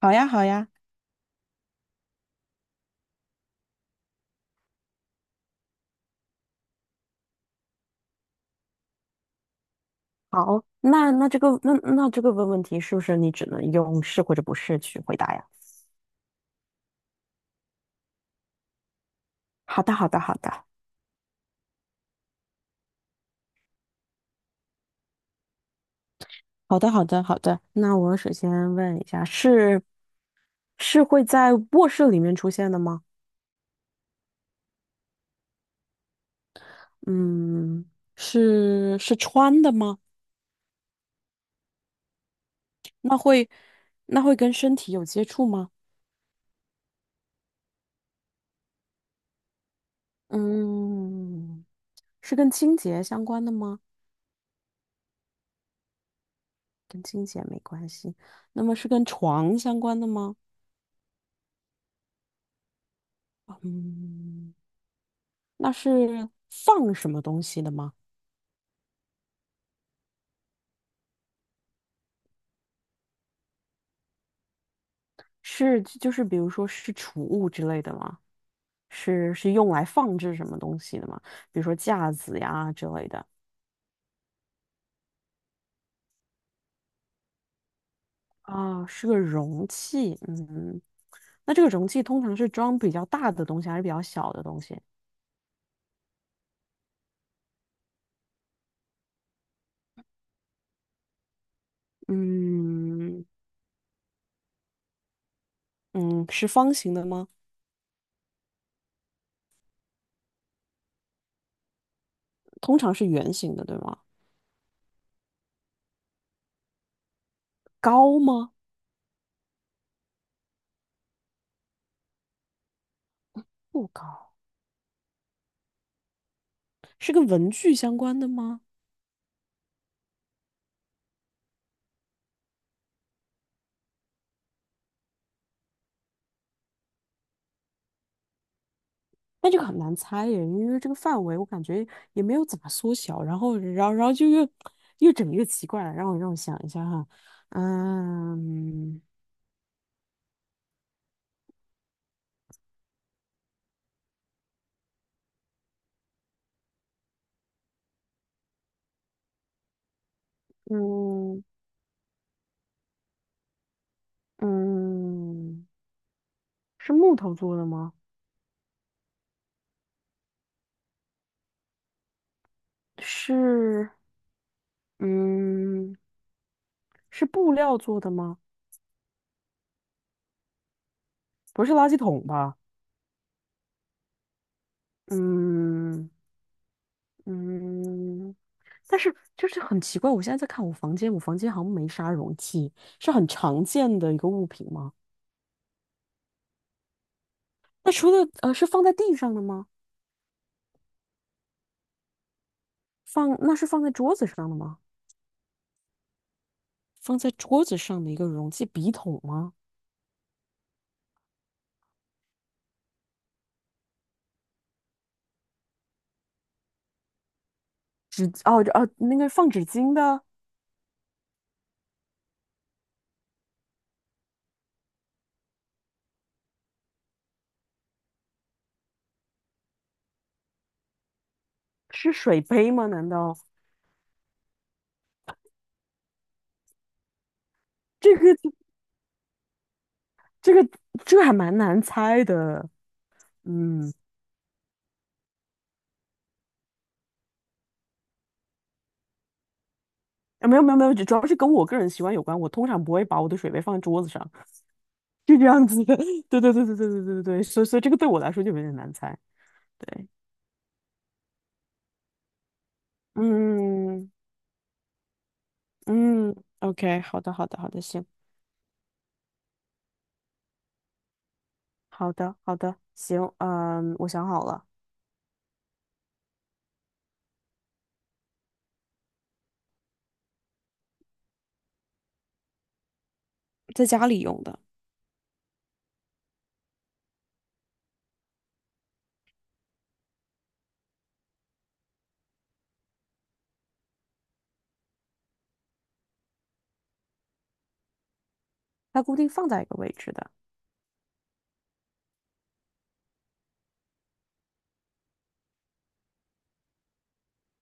好呀，好呀。好，那那这个那那这个问问题是不是你只能用是或者不是去回答呀？好的，好的，好的。好的，好的，好的。那我首先问一下，是会在卧室里面出现的吗？嗯，是穿的吗？那会那会跟身体有接触吗？嗯，是跟清洁相关的吗？跟清洁没关系。那么是跟床相关的吗？嗯，那是放什么东西的吗？是就是比如说是储物之类的吗？是用来放置什么东西的吗？比如说架子呀之类的。啊，是个容器。嗯，那这个容器通常是装比较大的东西还是比较小的东西？嗯。嗯，是方形的吗？通常是圆形的，对吗？高吗？不高。是跟文具相关的吗？那这个很难猜耶，因为这个范围我感觉也没有怎么缩小，然后就越整越奇怪了。让我想一下哈。嗯。嗯。嗯，是木头做的吗？是。嗯。是布料做的吗？不是垃圾桶吧？嗯。嗯，但是就是很奇怪，我现在在看我房间，我房间好像没啥容器。是很常见的一个物品吗？那除了是放在地上的吗？放，那是放在桌子上的吗？放在桌子上的一个容器，笔筒吗？纸，哦哦，那个放纸巾的是水杯吗？难道这个，这个，这还蛮难猜的？嗯。啊，没有没有没有，主要是跟我个人习惯有关。我通常不会把我的水杯放在桌子上，就这样子的。对对对对对对对对，所以这个对我来说就有点难猜。对。嗯。嗯，OK，好的好的好的，行。好的，好的，行。嗯，我想好了。在家里用的。它固定放在一个位置的。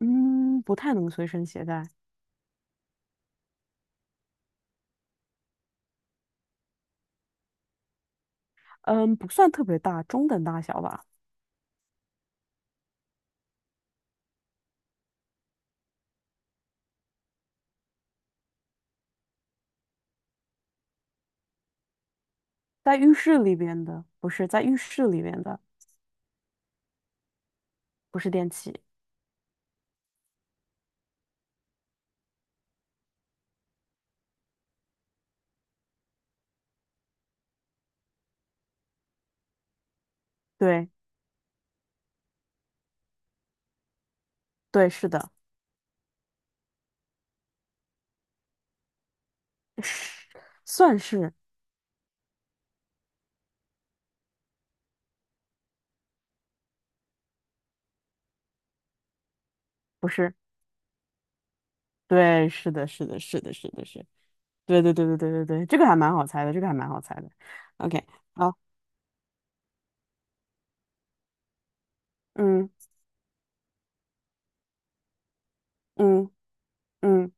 嗯，不太能随身携带。嗯，不算特别大，中等大小吧。在浴室里边的，不是在浴室里边的。不是电器。对。对，是的。是，算是。不是。对，是的，是的，是的，是的，是。对，对，对，对，对，对，对，这个还蛮好猜的，这个还蛮好猜的。OK，好。嗯。嗯。嗯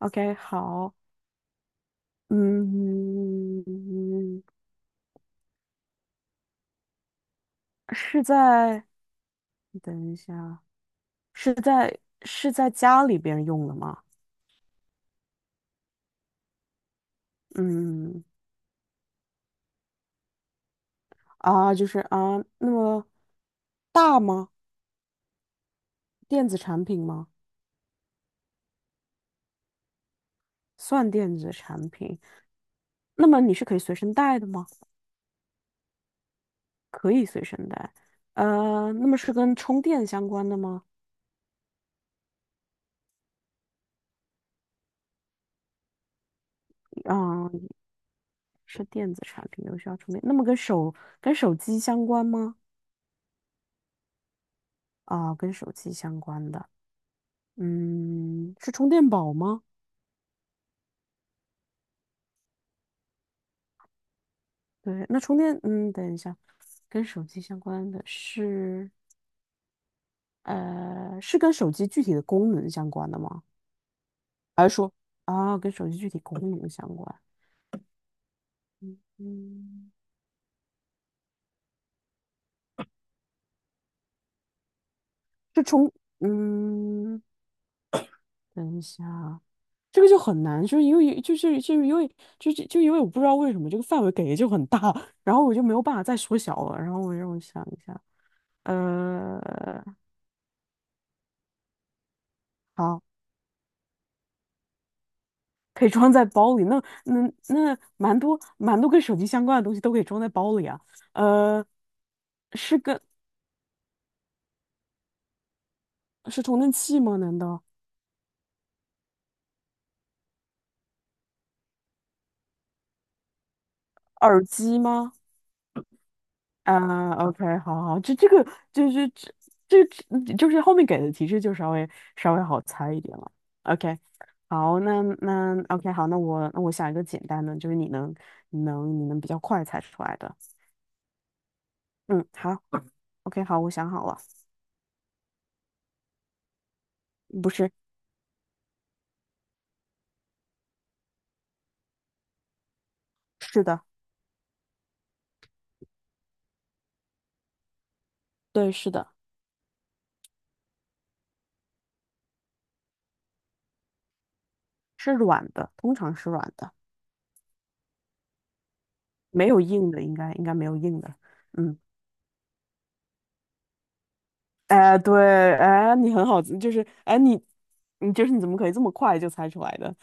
，OK，好。嗯。是在，等一下，是在家里边用的吗？嗯，啊，就是啊，那么大吗？电子产品吗？算电子产品。那么你是可以随身带的吗？可以随身带。呃，那么是跟充电相关的吗？啊，是电子产品，有需要充电。那么跟手机相关吗？啊，跟手机相关的。嗯，是充电宝吗？对，那充电，嗯，等一下，跟手机相关的是，呃，是跟手机具体的功能相关的吗？还是说，啊，跟手机具体功能相关？嗯。嗯。是充，嗯，等一下啊，这个就很难，就是因为就是就是因为就是就因为我不知道为什么这个范围给的就很大，然后我就没有办法再缩小了，然后让我想一下。呃，好。可以装在包里，那那，那蛮多跟手机相关的东西都可以装在包里啊。呃，是跟，是充电器吗？难道耳机吗？啊，OK，好好，就是这这这就是后面给的提示就稍微好猜一点了。OK，好，那那 OK，好，那我想一个简单的，就是你能比较快猜出来的。嗯，好，OK，好，我想好了。不是。是的。对，是的。是软的，通常是软的，没有硬的，应该没有硬的。嗯，哎，对，哎，你很好，就是哎，你就是你怎么可以这么快就猜出来的？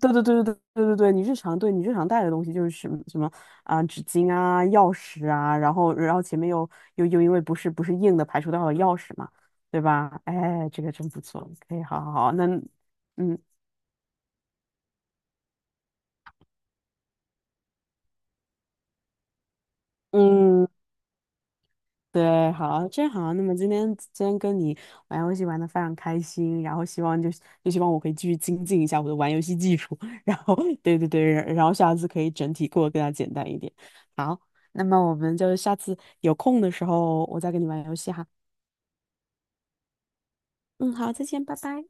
对对对对对对对对，你日常带的东西就是什么什么啊、纸巾啊、钥匙啊，然后然后前面又因为不是硬的排除掉了钥匙嘛，对吧？哎，这个真不错，可以，好好好，那嗯。嗯。对，好，真好。那么今天跟你玩游戏玩的非常开心，然后希望就是就希望我可以继续精进一下我的玩游戏技术，然后对对对，然后下次可以整体过得更加简单一点。好，那么我们就下次有空的时候我再跟你玩游戏哈。嗯，好，再见，拜拜。